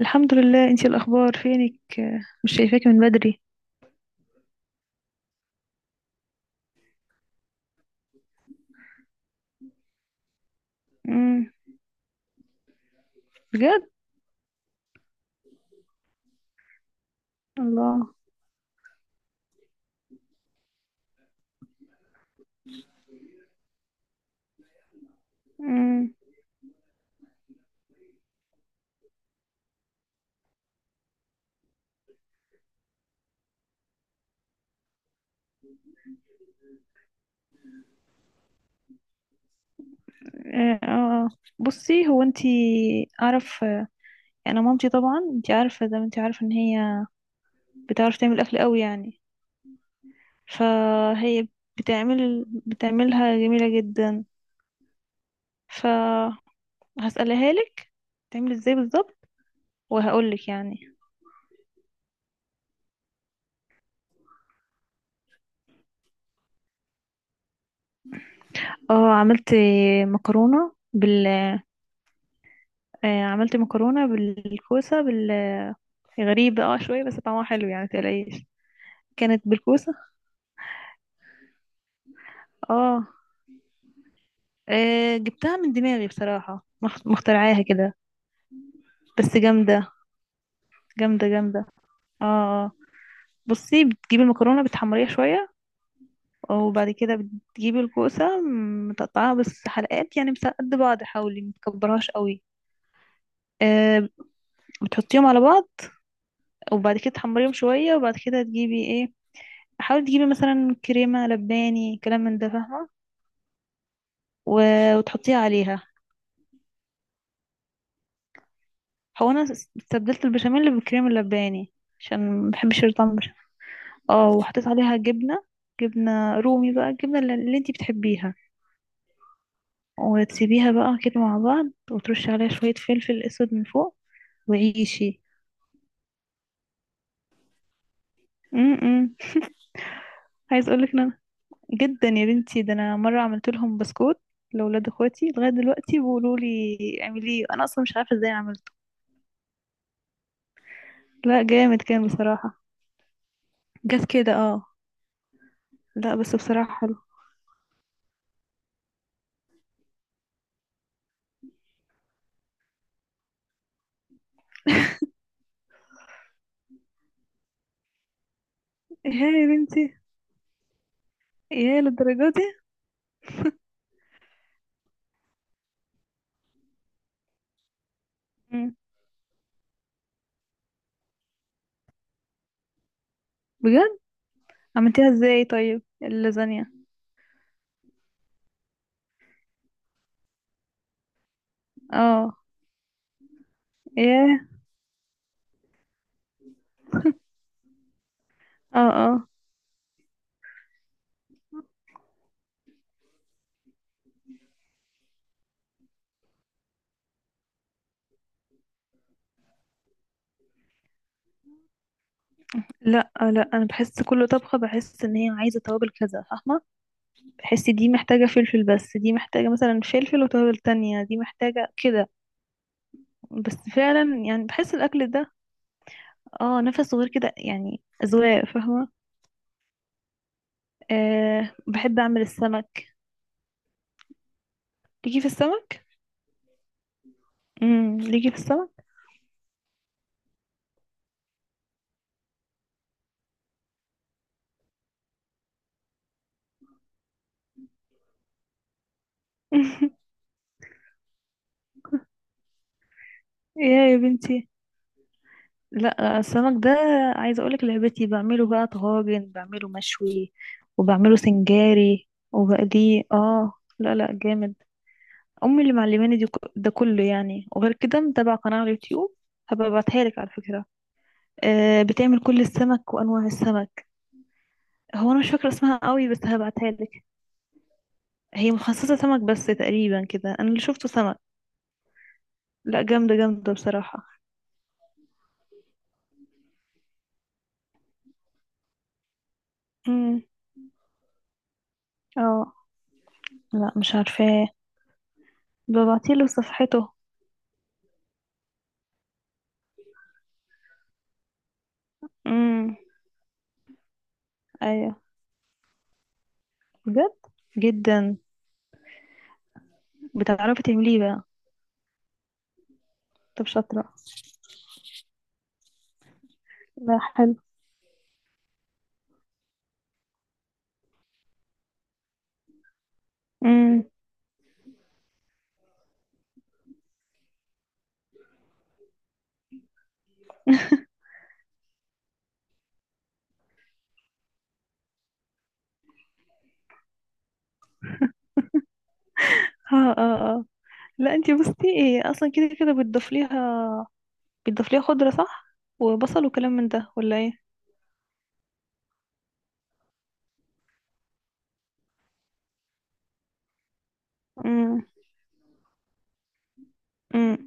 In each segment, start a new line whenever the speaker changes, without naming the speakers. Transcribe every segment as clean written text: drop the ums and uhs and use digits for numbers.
الحمد لله، انتي الاخبار؟ فينك، مش شايفاكي من بدري. امم. بجد. الله. امم. اه. آه. بصي، هو انتي اعرف، انا مامتي طبعا انتي عارفه، زي ما انتي عارفه ان هي بتعرف تعمل اكل قوي يعني. فهي بتعملها جميله جدا. فهسألها لك تعمل ازاي بالظبط وهقول لك يعني. اه، مكرونه بال عملت مكرونه بالكوسه. غريبة اه شوية بس طعمها حلو يعني، متقلقيش. كانت بالكوسة. اه، جبتها من دماغي بصراحة، مخترعاها كده. بس جامدة، جامدة جامدة. اه آه. بصي، بتجيبي المكرونة بتحمريها شوية. وبعد كده بتجيبي الكوسة، متقطعاها بس حلقات يعني، بس قد بعض، حاولي متكبرهاش قوي. آه، بتحطيهم على بعض وبعد كده تحمريهم شوية. وبعد كده تجيبي ايه، حاولي تجيبي مثلا كريمة لباني، كلام من ده، فاهمة؟ وتحطيها عليها. هو انا استبدلت البشاميل بالكريم اللباني عشان ما بحبش طعم البشاميل. اه، وحطيت عليها جبنه، جبنه رومي بقى، الجبنه اللي انتي بتحبيها. وتسيبيها بقى كده مع بعض، وترشي عليها شويه فلفل اسود من فوق وعيشي. امم. عايز اقولك ان انا جدا يا بنتي، ده انا مره عملت لهم بسكوت لاولاد اخواتي، لغايه دلوقتي بيقولوا لي اعمليه، انا اصلا مش عارفه ازاي عملته. لا، جامد كان بصراحه. جت كده اه. لا بس بصراحه حلو. ايه يا بنتي، ايه للدرجه دي؟ مم. بجد. عملتيها ازاي طيب اللازانيا؟ اه. ايه. اه اه. لا لا، انا بحس كل طبخه بحس ان هي عايزه توابل كذا، فاهمه؟ بحس دي محتاجه فلفل، بس دي محتاجه مثلا فلفل وتوابل تانية، دي محتاجه كده. بس فعلا يعني بحس الاكل ده، اه، نفس صغير كده يعني، اذواق، فاهمه؟ آه، بحب اعمل السمك. ليكي في السمك؟ امم، ليكي في السمك؟ ايه يا بنتي، لا السمك ده عايزه اقولك لعبتي، بعمله بقى طواجن، بعمله مشوي وبعمله سنجاري وبقليه. اه. لا لا جامد. امي اللي معلماني دي، ده كله يعني. وغير كده متابعه قناه على اليوتيوب، هبقى ابعتها لك على فكره. آه، بتعمل كل السمك وانواع السمك. هو انا مش فاكره اسمها قوي بس هبعتها لك. هي مخصصه سمك بس تقريبا كده، انا اللي شفته سمك. لا، جامده جامده بصراحه. امم. اه، لا مش عارفاه. ببعتيله صفحته. امم. ايوه، بجد، جدا. بتعرفي تعمليه بقى؟ طب شاطرة. لا حلو. امم. اه اه اه. لا انتي بصي، ايه اصلا كده كده بتضيف ليها، بتضيف ليها خضرة، صح؟ وبصل وكلام من ده، ولا ايه؟ امم. امم.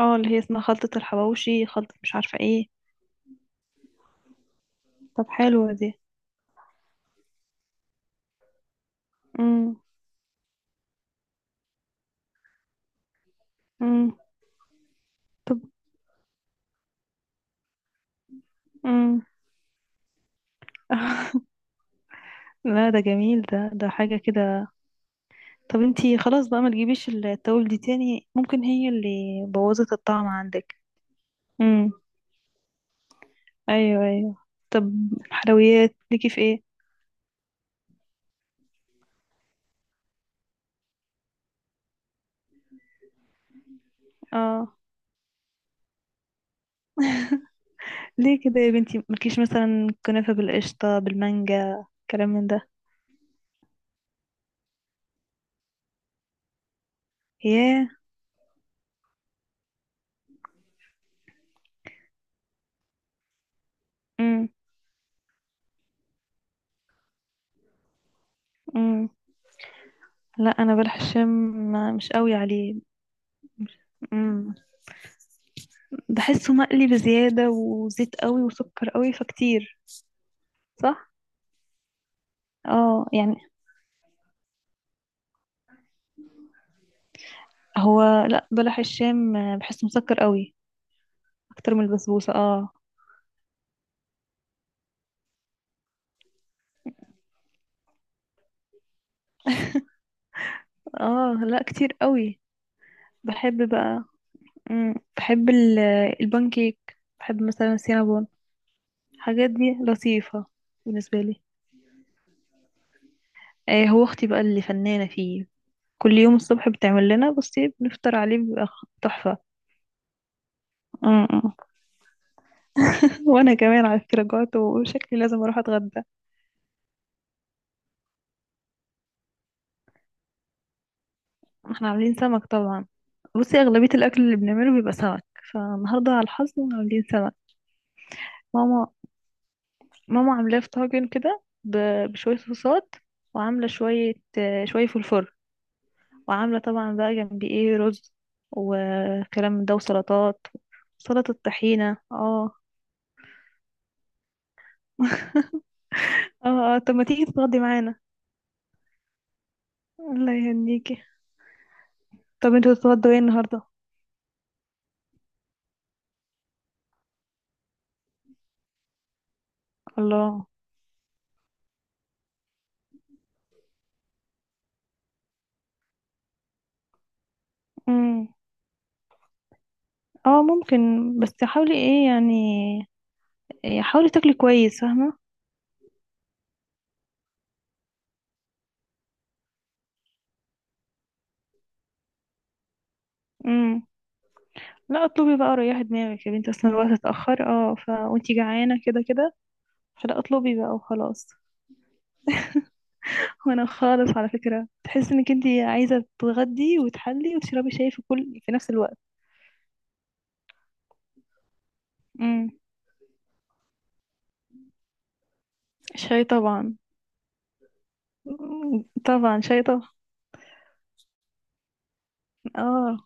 اه، اللي هي اسمها خلطة الحواوشي، خلطة مش عارفة ايه. طب حلوة دي. امم. امم. طب. امم. لا ده جميل، ده ده حاجة كده. طب انتي خلاص بقى ما تجيبيش التوابل دي تاني، ممكن هي اللي بوظت الطعم عندك. ايوه ايوه. طب، حلويات ليكي في ايه؟ اه. ليه كده يا بنتي؟ مالكيش مثلا كنافة بالقشطة بالمانجا، كلام من ده. ياه. امم. امم. لا انا بلح الشام مش قوي عليه. امم. بحسه مقلي بزيادة، وزيت قوي وسكر قوي فكتير. صح. اه، يعني هو، لا بلح الشام بحسه مسكر قوي اكتر من البسبوسة. اه. اه لا كتير قوي. بحب بقى، مم، بحب البانكيك، بحب مثلا السينابون، الحاجات دي لطيفة بالنسبة لي. آه، هو اختي بقى اللي فنانة فيه. كل يوم الصبح بتعمل لنا، بصي بنفطر عليه، بيبقى تحفة. مم. وانا كمان على فكرة جوعت، وشكلي لازم اروح اتغدى. احنا عاملين سمك طبعا. بصي اغلبية الاكل اللي بنعمله بيبقى سمك، فالنهاردة على الحظ عاملين سمك. ماما، ماما عاملاه في طاجن كده، بشوية صوصات. وعاملة شوية شوية فلفل. وعاملة طبعا بقى جنبي ايه، رز وكلام من ده وسلطات، سلطة طحينة. اه. اه اه، طب ما تيجي تتغدي معانا. الله يهنيكي. طب انتوا تتغدوا ايه النهاردة؟ الله. امم. اه ممكن، بس حاولي ايه يعني، حاولي تاكلي كويس، فاهمة؟ امم. لا اطلبي بقى، ريحي دماغك يا بنتي، اصلا الوقت اتأخر، اه ف، وانتي جعانة كده كده. فلا اطلبي بقى وخلاص. وانا خالص على فكرة تحس انك انتي عايزة تتغدي وتحلي وتشربي شاي في نفس الوقت. امم. شاي طبعا. طبعا شاي طبعا. اه،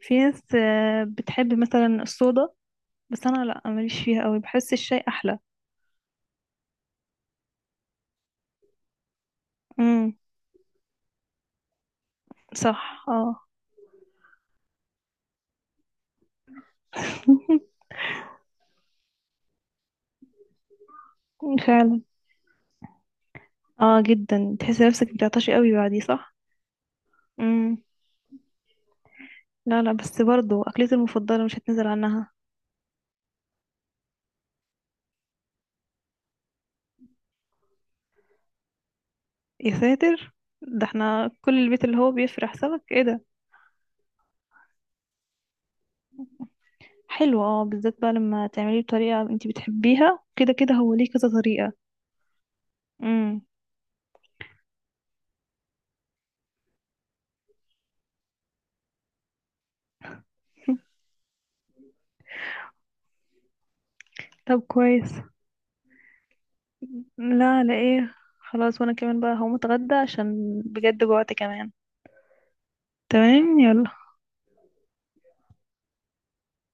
في ناس بتحب مثلا الصودا. بس انا لا، ماليش فيها قوي، بحس الشاي احلى. امم. صح اه. فعلا، اه جدا، تحس نفسك بتعطشي قوي بعديه، صح؟ امم. لا لا بس برضو اكلتي المفضله مش هتنزل عنها. يا ساتر، ده احنا كل البيت اللي هو بيفرح سمك، ايه ده؟ حلو اه، بالذات بقى لما تعمليه بطريقه انت بتحبيها، كده كده هو ليه كذا طريقه. امم. طب كويس. لا لا ايه خلاص، وانا كمان بقى هقوم اتغدى عشان بجد جوعت كمان. تمام، يلا.